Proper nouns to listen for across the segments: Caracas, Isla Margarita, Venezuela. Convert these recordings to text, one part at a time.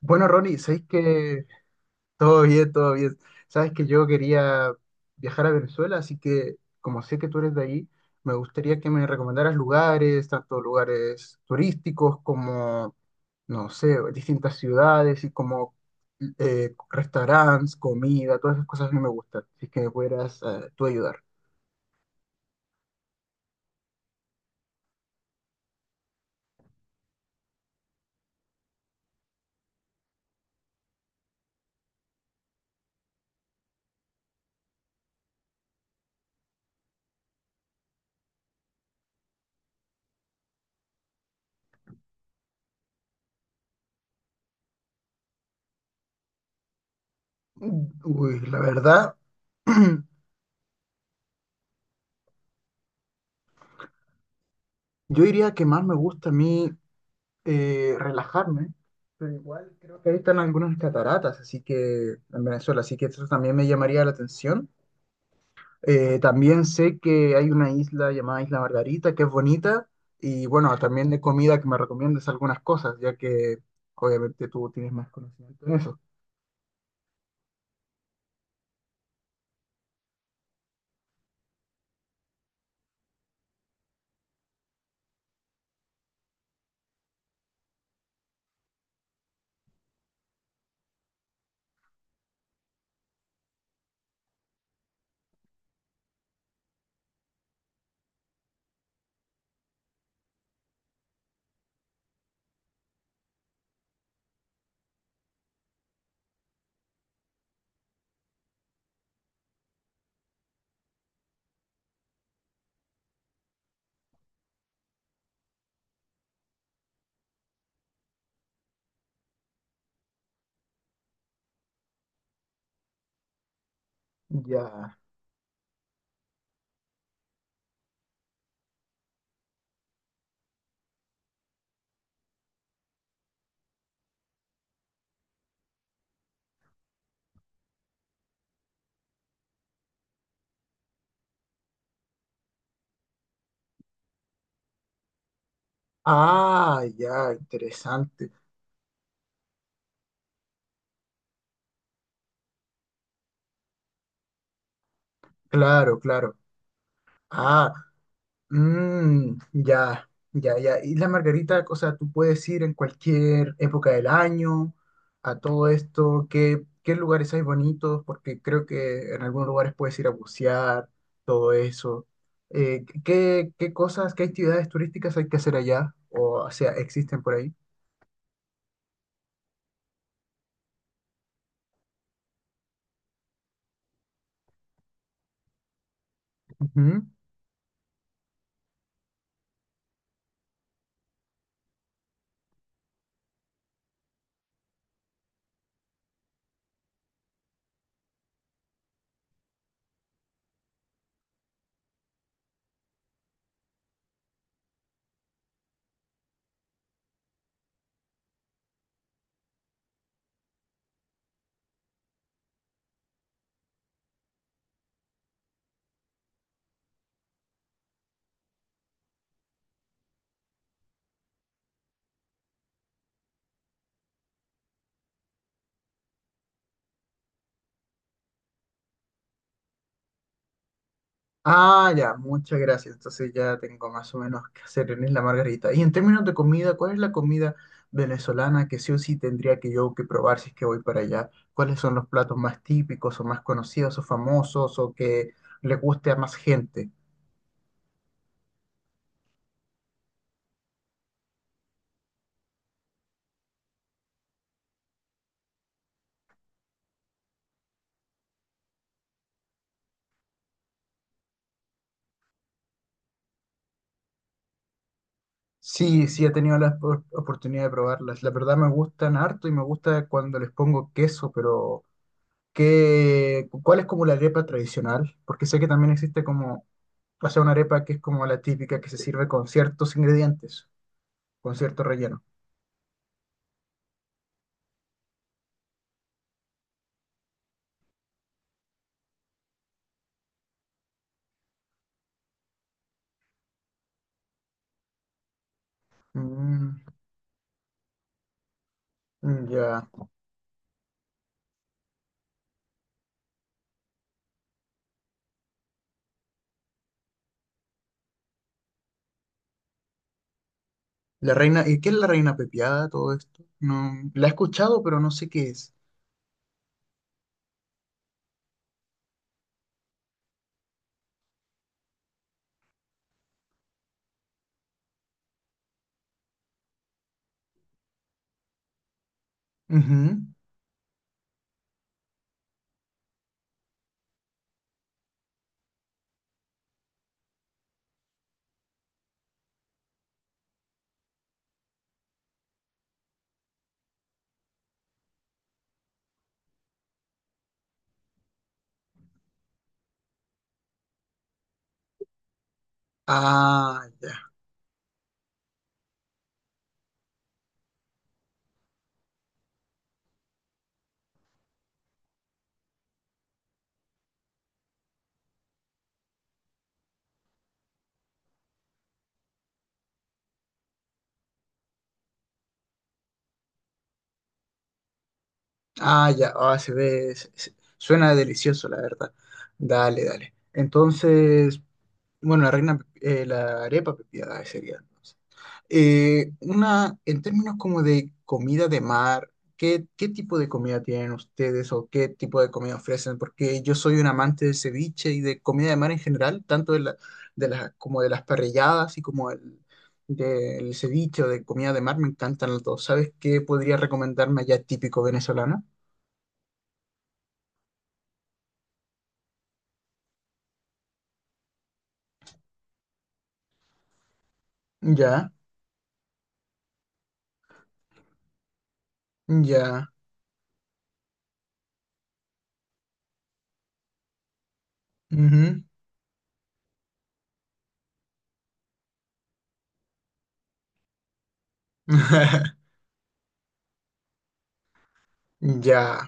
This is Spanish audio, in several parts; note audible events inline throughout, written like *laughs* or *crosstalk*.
Bueno, Ronnie, sabéis que todo bien, todo bien. Sabes que yo quería viajar a Venezuela, así que como sé que tú eres de ahí, me gustaría que me recomendaras lugares, tanto lugares turísticos como, no sé, distintas ciudades y como restaurantes, comida, todas esas cosas a mí me gustan. Así que me pudieras tú ayudar. Uy, la verdad, *clears throat* yo diría que más me gusta a mí. Relajarme, pero igual creo que ahí están algunas cataratas, así que en Venezuela, así que eso también me llamaría la atención. También sé que hay una isla llamada Isla Margarita, que es bonita, y bueno, también de comida que me recomiendes algunas cosas, ya que obviamente tú tienes más conocimiento en eso. Ya. Ah, ya, interesante. Claro, claro. Ah, mm, ya, ya, ya. Y la margarita, o sea, tú puedes ir en cualquier época del año a todo esto. ¿Qué, qué lugares hay bonitos? Porque creo que en algunos lugares puedes ir a bucear, todo eso. ¿Qué, qué cosas, qué actividades turísticas hay que hacer allá? O sea, existen por ahí. Ah, ya, muchas gracias. Entonces ya tengo más o menos que hacer en Isla Margarita. Y en términos de comida, ¿cuál es la comida venezolana que sí o sí tendría que yo que probar si es que voy para allá? ¿Cuáles son los platos más típicos o más conocidos o famosos o que le guste a más gente? Sí, sí he tenido la oportunidad de probarlas. La verdad me gustan harto y me gusta cuando les pongo queso, pero ¿qué, cuál es como la arepa tradicional? Porque sé que también existe como, o sea, una arepa que es como la típica que se sirve con ciertos ingredientes, con cierto relleno. Mm, mm, ya. La reina, ¿y qué es la reina pepiada, todo esto? No, la he escuchado, pero no sé qué es. Ujú. Ah, ya. Ah, ya. Ah, se ve. Suena delicioso, la verdad. Dale, dale. Entonces, bueno, la reina, la arepa pepiada sería. Una, en términos como de comida de mar, ¿qué, qué tipo de comida tienen ustedes o qué tipo de comida ofrecen? Porque yo soy un amante del ceviche y de comida de mar en general, tanto de las, como de las parrilladas y como el, del ceviche o de comida de mar, me encantan los dos. ¿Sabes qué podría recomendarme allá típico venezolano? Ya, ya, ujú. *laughs* Ya.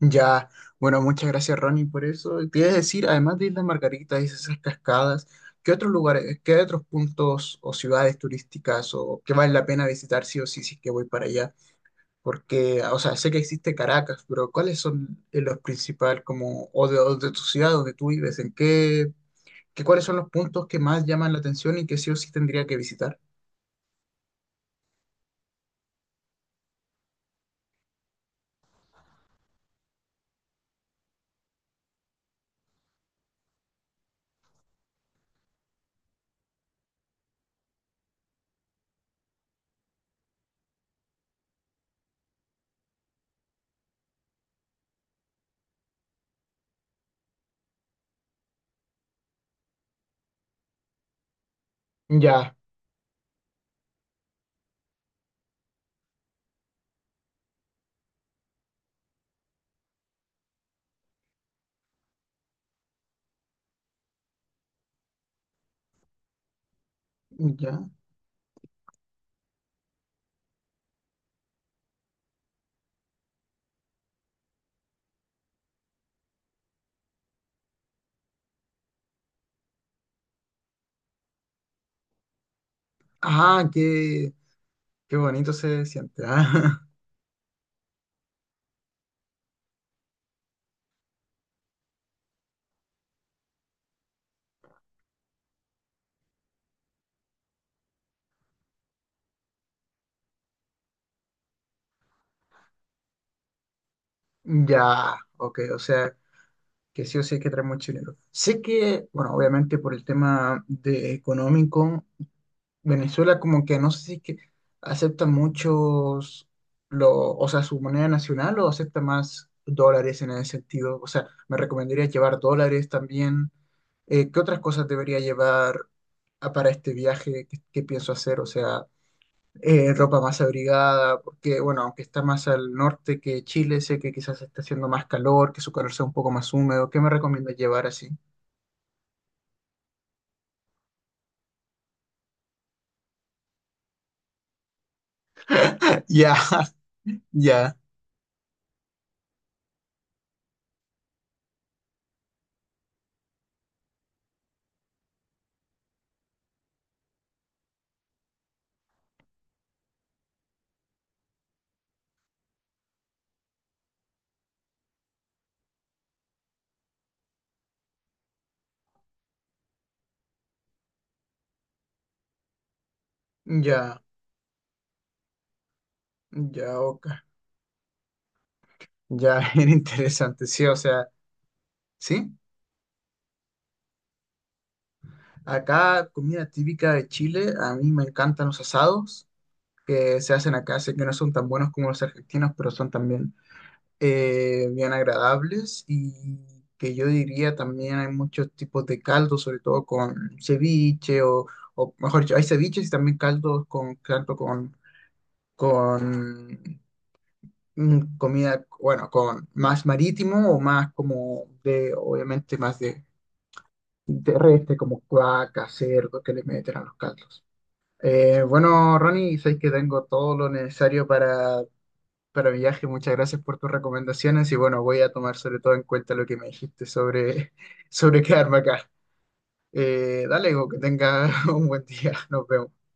Ya, bueno, muchas gracias Ronnie por eso. Te iba a decir, además de Islas Margaritas y esas cascadas, ¿qué otros lugares, qué otros puntos o ciudades turísticas o que vale la pena visitar sí o sí si es que voy para allá? Porque, o sea, sé que existe Caracas, pero ¿cuáles son los principales como, o de tu ciudad donde tú vives? ¿En qué, qué, cuáles son los puntos que más llaman la atención y que sí o sí tendría que visitar? Ya, ya. Ah, qué, qué bonito se siente. Ah. *laughs* Ya, ok, o sea. Que sí o sí hay que traer muy chileno. Sé que, bueno, obviamente por el tema de económico, Venezuela como que no sé si es que acepta muchos, lo, o sea, su moneda nacional o acepta más dólares en ese sentido. O sea, me recomendaría llevar dólares también. ¿Qué otras cosas debería llevar para este viaje que pienso hacer? O sea, ropa más abrigada, porque bueno, aunque está más al norte que Chile, sé que quizás está haciendo más calor, que su calor sea un poco más húmedo. ¿Qué me recomiendas llevar así? *laughs* Ya, ya, ya, ya, oca. Ya, *laughs* bien interesante, sí, o sea, sí. Acá, comida típica de Chile, a mí me encantan los asados que se hacen acá, sé que no son tan buenos como los argentinos, pero son también bien agradables y que yo diría también hay muchos tipos de caldo, sobre todo con ceviche o mejor dicho, hay ceviches y también caldos con, caldo con mm, comida, bueno, con más marítimo o más como de, obviamente más de, terrestre como cuaca, cerdo que le meten a los caldos. Bueno, Ronnie, sé que tengo todo lo necesario para mi viaje, muchas gracias por tus recomendaciones y bueno, voy a tomar sobre todo en cuenta lo que me dijiste sobre, *laughs* sobre quedarme acá. Dale, Hugo, que tenga *laughs* un buen día. Nos vemos.